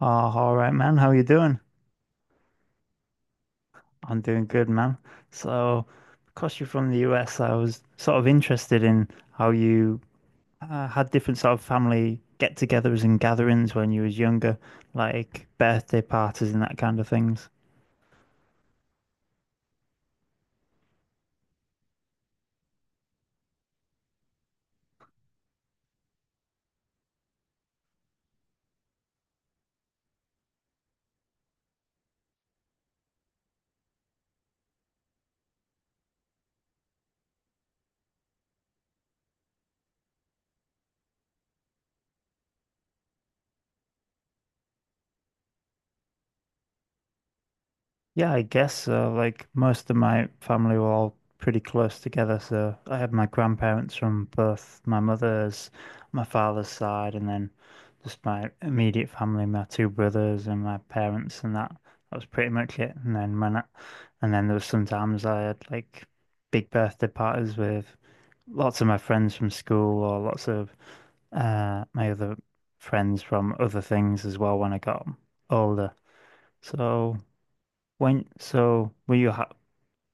Oh, all right, man. How you doing? I'm doing good, man. So, because you're from the US, I was sort of interested in how you had different sort of family get-togethers and gatherings when you was younger, like birthday parties and that kind of things. Yeah, I guess so. Like most of my family were all pretty close together, so I had my grandparents from both my mother's, my father's side, and then just my immediate family, my two brothers and my parents, and that was pretty much it. And then there was sometimes I had like big birthday parties with lots of my friends from school or lots of my other friends from other things as well when I got older. So. When so were you ha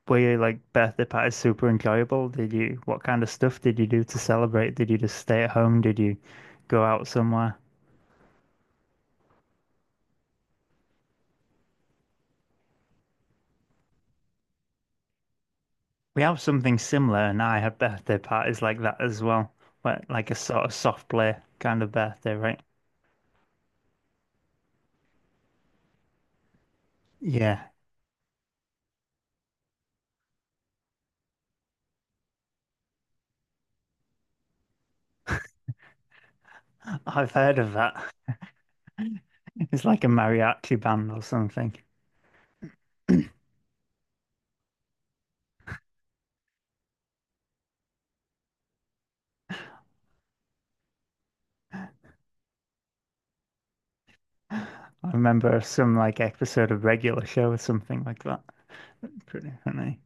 were you like birthday parties super enjoyable? Did you what kind of stuff did you do to celebrate? Did you just stay at home? Did you go out somewhere? We have something similar, and I had birthday parties like that as well, where like a sort of soft play kind of birthday, right? Yeah, I've heard of that. It's like a mariachi band or something. I remember some like episode of Regular Show or something like that. Pretty funny.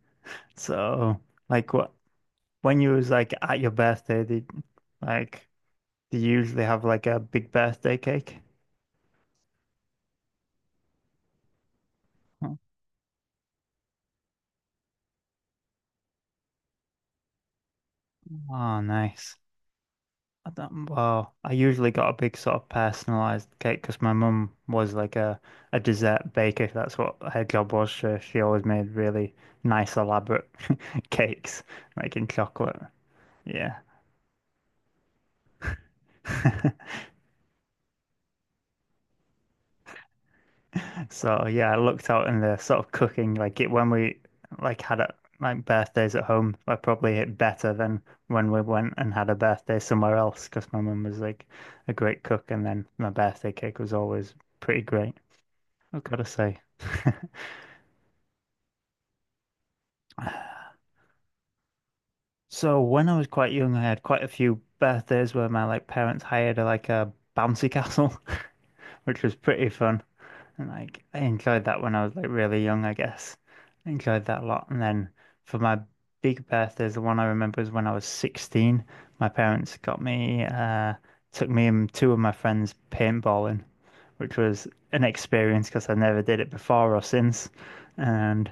So like what? When you was like at your birthday, did like do you usually have like a big birthday cake? Mm. Oh, nice. I don't, well, I usually got a big sort of personalized cake because my mum was like a dessert baker. That's what her job was. So she always made really nice, elaborate cakes, like in chocolate. Yeah. So yeah, I looked out in the sort of cooking, like it when we like had like birthdays at home, I probably hit better than when we went and had a birthday somewhere else because my mum was like a great cook, and then my birthday cake was always pretty great. I've got to say. So when I was quite young, I had quite a few birthdays where my like parents hired like a bouncy castle, which was pretty fun. And like I enjoyed that when I was like really young, I guess. I enjoyed that a lot. And then for my big birthdays, the one I remember is when I was 16. My parents got me, took me and two of my friends paintballing, which was an experience because I never did it before or since. And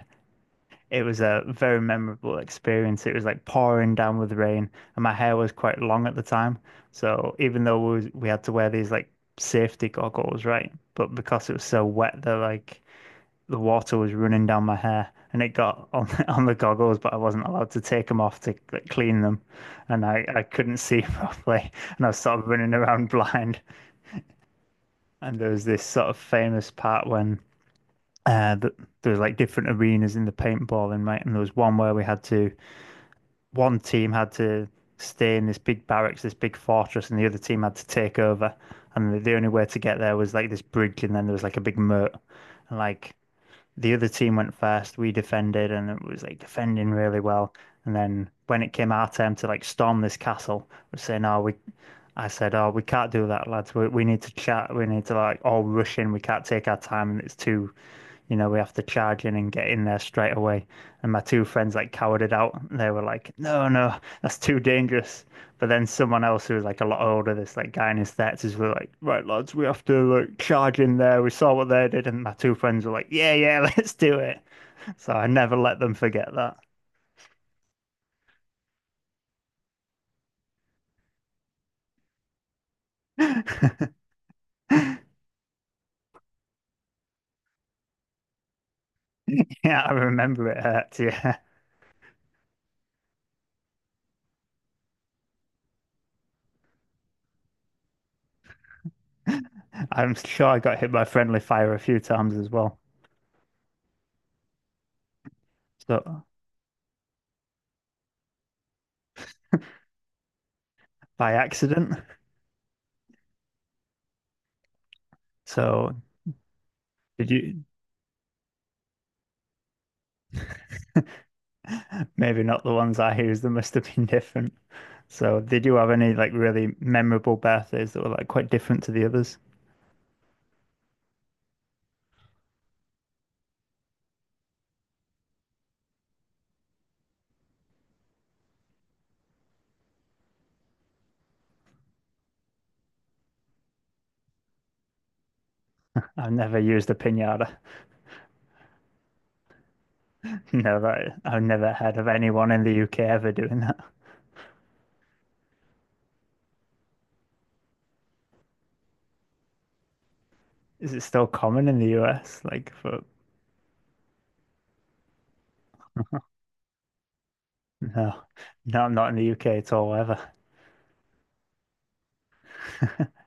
it was a very memorable experience. It was like pouring down with rain, and my hair was quite long at the time. So even though we had to wear these like safety goggles, right? But because it was so wet, the water was running down my hair, and it got on on the goggles, but I wasn't allowed to take them off to like, clean them, and I couldn't see properly, and I was sort of running around blind. And there was this sort of famous part when th there was like different arenas in the paintballing, right? And there was one where we had to one team had to stay in this big barracks, this big fortress, and the other team had to take over. And the only way to get there was like this bridge, and then there was like a big moat. And like the other team went first. We defended, and it was like defending really well. And then when it came our turn to like storm this castle, we are saying, "Oh, we," I said, "Oh, we can't do that, lads. We need to chat. We need to like all rush in. We can't take our time, and it's too." You know, we have to charge in and get in there straight away. And my two friends like cowered it out. They were like, no, no, that's too dangerous. But then someone else who was like a lot older, this like guy in his thirties, were like, "Right, lads, we have to like charge in there." We saw what they did, and my two friends were like, "Yeah, yeah, let's do it." So I never let them forget that. Yeah, I remember it hurt. Yeah, I'm sure I got hit by friendly fire a few times as well. So by accident. So did you? Maybe not the ones I used. They must have been different. So did you have any like really memorable birthdays that were like quite different to the others? I've never used a pinata. Never. I've never heard of anyone in the UK ever doing that. Is it still common in the US? Like for no, no, not in the UK at all ever.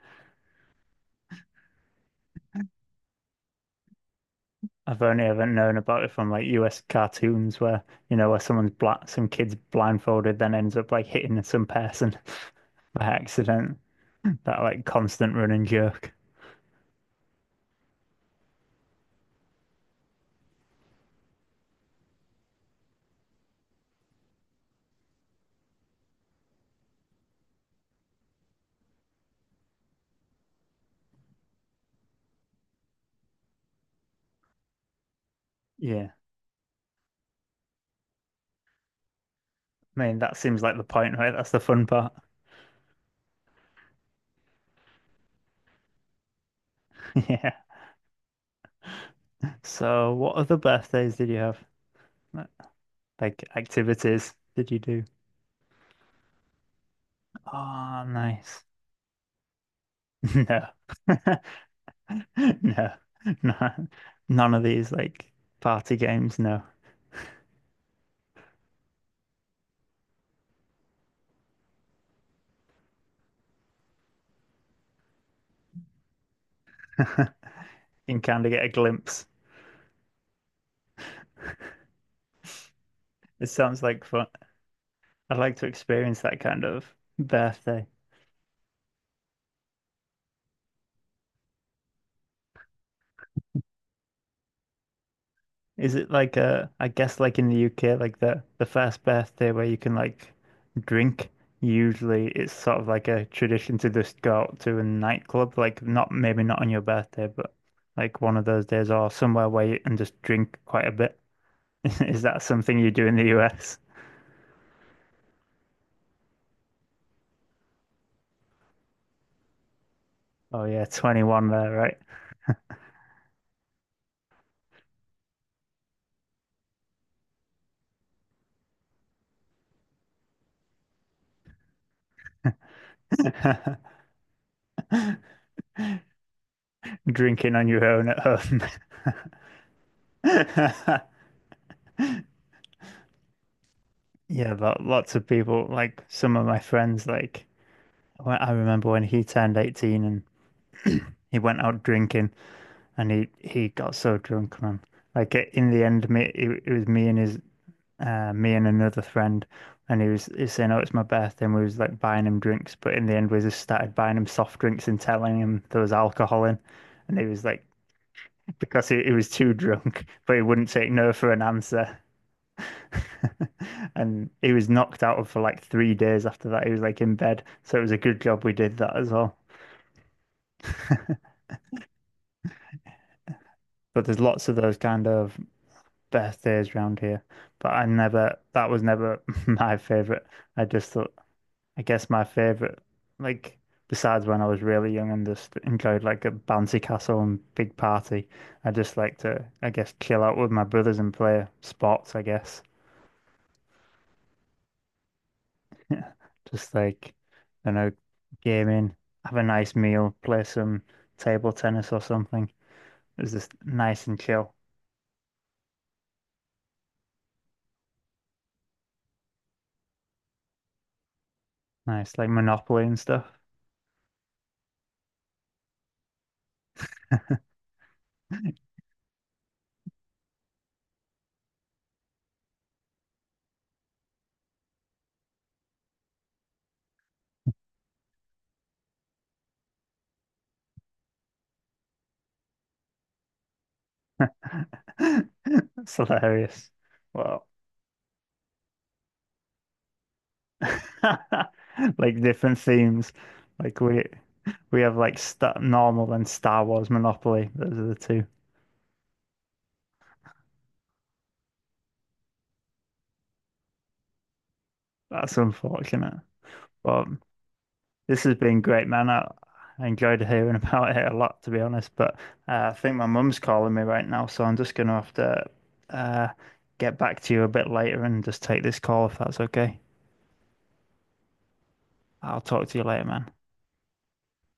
I've only ever known about it from like US cartoons where where someone's black, some kid's blindfolded, then ends up like hitting some person by accident. That like constant running jerk. Yeah. I mean, that seems like the point, right? That's the fun part. Yeah. So, what other birthdays did you have? Like, Like activities did you do? Ah, nice. No. No. No. None of these like party games, no. You can kind of get a glimpse. It sounds like fun. I'd like to experience that kind of birthday. Is it like I guess like in the UK, like the first birthday where you can like drink, usually it's sort of like a tradition to just go out to a nightclub, like not maybe not on your birthday, but like one of those days or somewhere where you and just drink quite a bit. Is that something you do in the US? Oh yeah, 21 there, right? Drinking on your own at home. Yeah, but lots of people, like some of my friends, like I remember when he turned 18 and he went out drinking and he got so drunk, man. Like eh, in the end, it was me and his me and another friend, and he was saying, "Oh, it's my birthday," and we was like buying him drinks. But in the end, we just started buying him soft drinks and telling him there was alcohol in, and he was like, because he was too drunk, but he wouldn't take no for an answer. And he was knocked out of for like 3 days after that. He was like in bed. So it was a good job we did that as well. But there's lots of those kind of best days round here, but I never, that was never my favorite. I just thought, I guess my favorite, like, besides when I was really young and just enjoyed like a bouncy castle and big party, I just like to, I guess, chill out with my brothers and play sports, I guess. Yeah, just like, you know, gaming, have a nice meal, play some table tennis or something. It was just nice and chill. Nice, like Monopoly and stuff. It's hilarious. Well, like different themes. Like we we have like Star normal and Star Wars Monopoly. Those are the two. That's unfortunate. But this has been great, man. I enjoyed hearing about it a lot, to be honest. But I think my mum's calling me right now, so I'm just gonna have to uh, get back to you a bit later and just take this call if that's okay. I'll talk to you later, man.